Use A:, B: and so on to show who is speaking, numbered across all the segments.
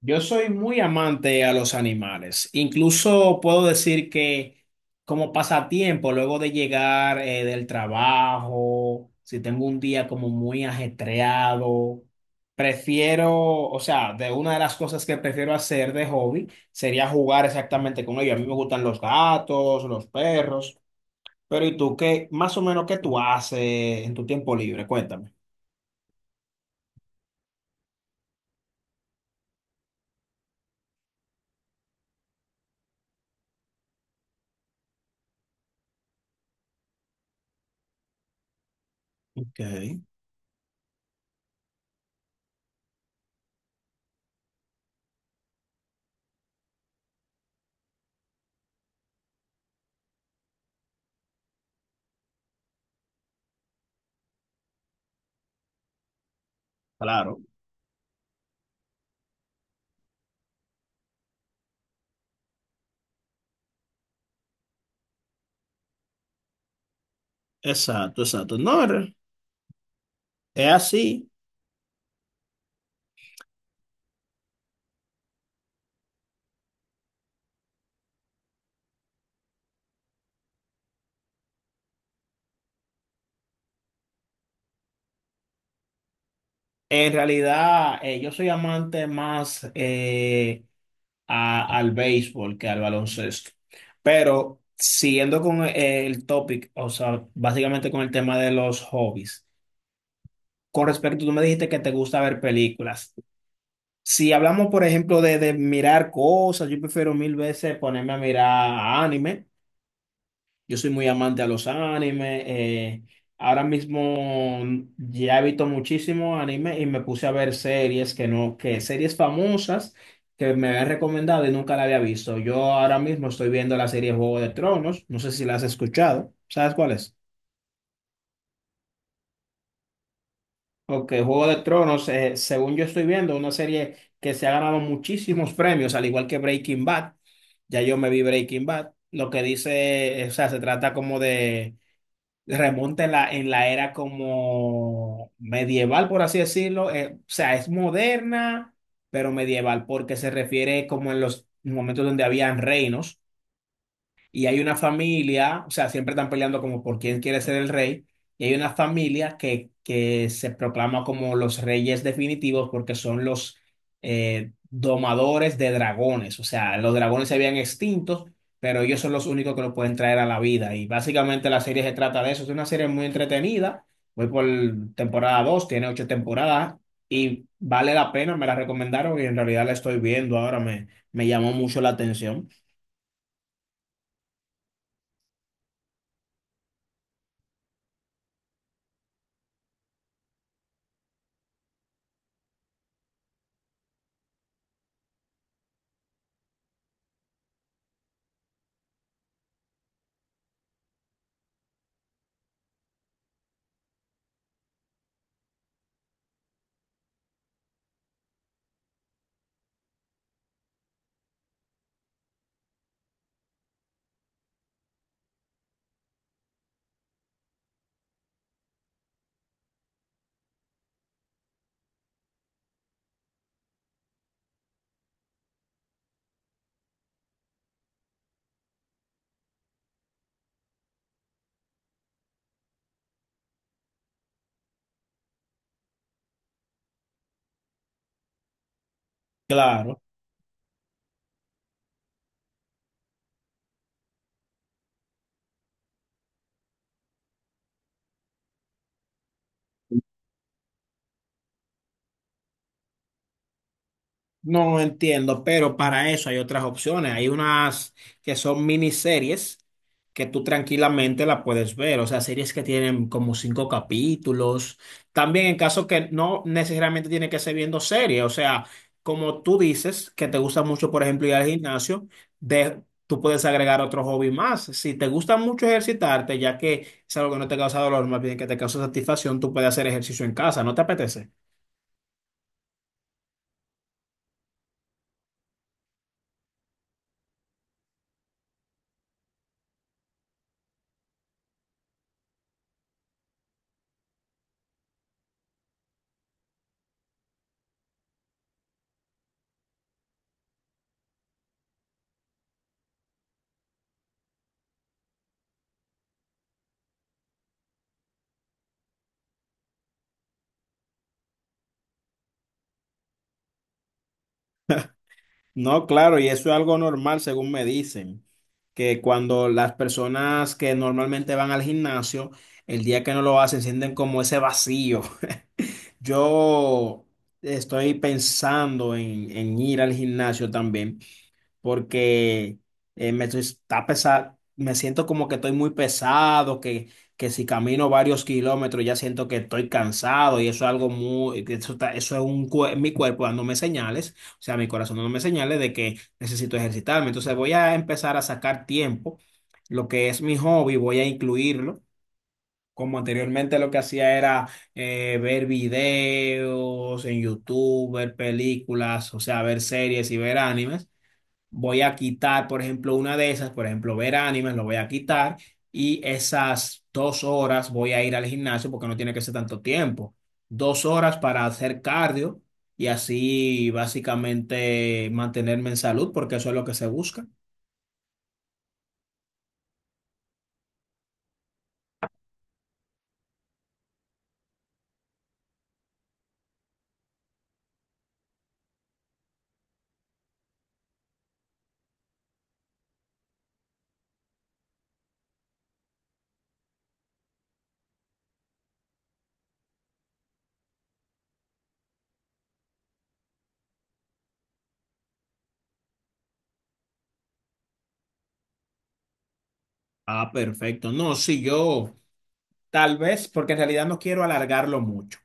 A: Yo soy muy amante a los animales. Incluso puedo decir que como pasatiempo, luego de llegar del trabajo, si tengo un día como muy ajetreado, prefiero, o sea, de una de las cosas que prefiero hacer de hobby sería jugar exactamente con ellos. A mí me gustan los gatos, los perros, pero ¿y tú qué, más o menos qué tú haces en tu tiempo libre? Cuéntame. Ok, claro, exacto, exacto. No, es así. En realidad, yo soy amante más al béisbol que al baloncesto. Pero siguiendo con el topic, o sea, básicamente con el tema de los hobbies. Con respecto, tú me dijiste que te gusta ver películas. Si hablamos, por ejemplo, de mirar cosas, yo prefiero mil veces ponerme a mirar anime. Yo soy muy amante a los animes. Ahora mismo ya he visto muchísimos animes y me puse a ver series que no, que series famosas que me habían recomendado y nunca la había visto. Yo ahora mismo estoy viendo la serie Juego de Tronos. No sé si la has escuchado. ¿Sabes cuál es? Ok, Juego de Tronos, según yo estoy viendo, una serie que se ha ganado muchísimos premios, al igual que Breaking Bad. Ya yo me vi Breaking Bad. Lo que dice, o sea, se trata como de remonta en en la era como medieval, por así decirlo. O sea, es moderna, pero medieval, porque se refiere como en los momentos donde habían reinos y hay una familia, o sea, siempre están peleando como por quién quiere ser el rey, y hay una familia que se proclama como los reyes definitivos porque son los domadores de dragones. O sea, los dragones se habían extintos, pero ellos son los únicos que lo pueden traer a la vida, y básicamente la serie se trata de eso. Es una serie muy entretenida, voy por temporada dos, tiene ocho temporadas. Y vale la pena, me la recomendaron y en realidad la estoy viendo ahora, me llamó mucho la atención. Claro. No entiendo, pero para eso hay otras opciones. Hay unas que son miniseries que tú tranquilamente la puedes ver, o sea, series que tienen como cinco capítulos. También en caso que no necesariamente tiene que ser viendo series, o sea, como tú dices que te gusta mucho, por ejemplo, ir al gimnasio, de, tú puedes agregar otro hobby más. Si te gusta mucho ejercitarte, ya que es algo que no te causa dolor, más bien que te causa satisfacción, tú puedes hacer ejercicio en casa, ¿no te apetece? No, claro, y eso es algo normal, según me dicen, que cuando las personas que normalmente van al gimnasio, el día que no lo hacen, sienten como ese vacío. Yo estoy pensando en ir al gimnasio también porque me siento como que estoy muy pesado, que si camino varios kilómetros ya siento que estoy cansado y eso es algo muy, que eso, eso es mi cuerpo dándome señales, o sea, mi corazón dándome señales de que necesito ejercitarme. Entonces voy a empezar a sacar tiempo, lo que es mi hobby, voy a incluirlo. Como anteriormente lo que hacía era ver videos en YouTube, ver películas, o sea, ver series y ver animes, voy a quitar, por ejemplo, una de esas, por ejemplo, ver animes, lo voy a quitar y esas 2 horas voy a ir al gimnasio porque no tiene que ser tanto tiempo. 2 horas para hacer cardio y así básicamente mantenerme en salud porque eso es lo que se busca. Ah, perfecto. No, sí, yo tal vez porque en realidad no quiero alargarlo mucho.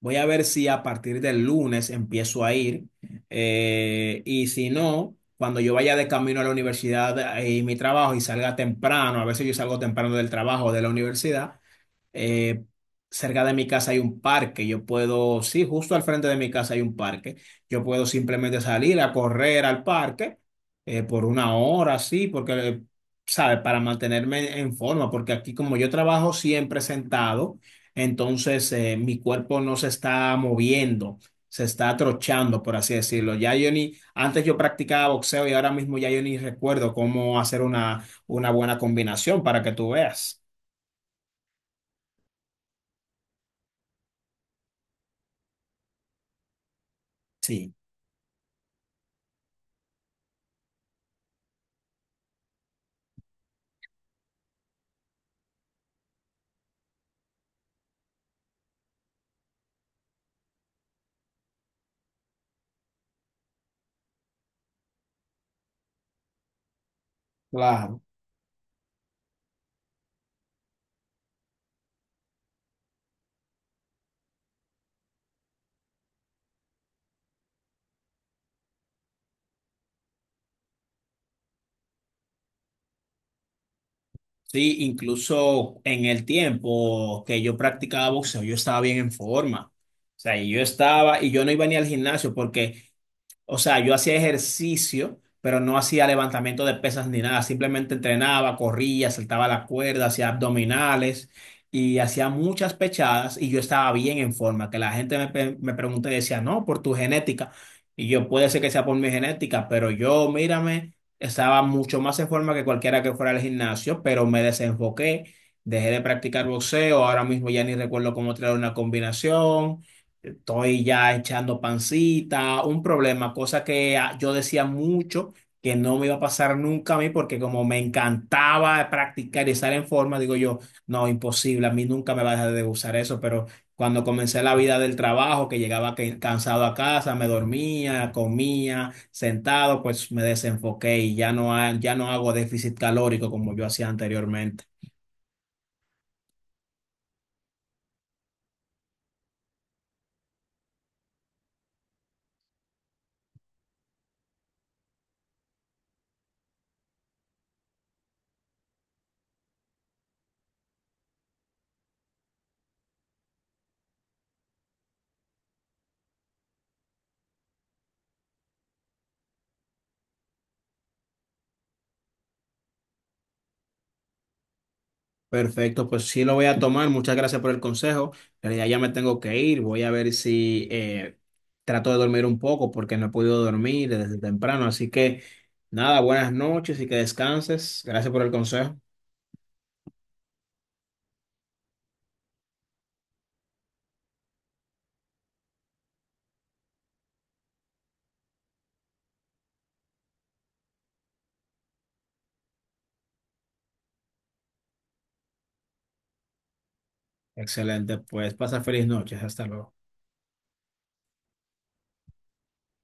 A: Voy a ver si a partir del lunes empiezo a ir, y si no, cuando yo vaya de camino a la universidad y mi trabajo y salga temprano, a veces yo salgo temprano del trabajo o de la universidad, eh, cerca de mi casa hay un parque, yo puedo, sí, justo al frente de mi casa hay un parque, yo puedo simplemente salir a correr al parque por una hora, sí, porque, ¿sabes? Para mantenerme en forma, porque aquí como yo trabajo siempre sentado, entonces mi cuerpo no se está moviendo. Se está atrochando, por así decirlo. Ya yo ni, antes yo practicaba boxeo y ahora mismo ya yo ni recuerdo cómo hacer una buena combinación para que tú veas. Sí, claro. Sí, incluso en el tiempo que yo practicaba boxeo, yo estaba bien en forma. O sea, y yo estaba y yo no iba ni al gimnasio porque, o sea, yo hacía ejercicio, pero no hacía levantamiento de pesas ni nada. Simplemente entrenaba, corría, saltaba la cuerda, hacía abdominales y hacía muchas pechadas y yo estaba bien en forma. Que la gente me pregunta y decía, no, por tu genética. Y yo, puede ser que sea por mi genética, pero yo, mírame, estaba mucho más en forma que cualquiera que fuera al gimnasio, pero me desenfoqué. Dejé de practicar boxeo, ahora mismo ya ni recuerdo cómo traer una combinación, estoy ya echando pancita, un problema, cosa que ah, yo decía mucho que no me iba a pasar nunca a mí porque como me encantaba practicar y estar en forma, digo yo, no, imposible, a mí nunca me va a dejar de usar eso, pero cuando comencé la vida del trabajo, que llegaba cansado a casa, me dormía, comía, sentado, pues me desenfoqué y ya no hago déficit calórico como yo hacía anteriormente. Perfecto, pues sí lo voy a tomar. Muchas gracias por el consejo. En realidad ya me tengo que ir. Voy a ver si trato de dormir un poco porque no he podido dormir desde temprano. Así que nada, buenas noches y que descanses. Gracias por el consejo. Excelente, pues pasa feliz noches. Hasta luego.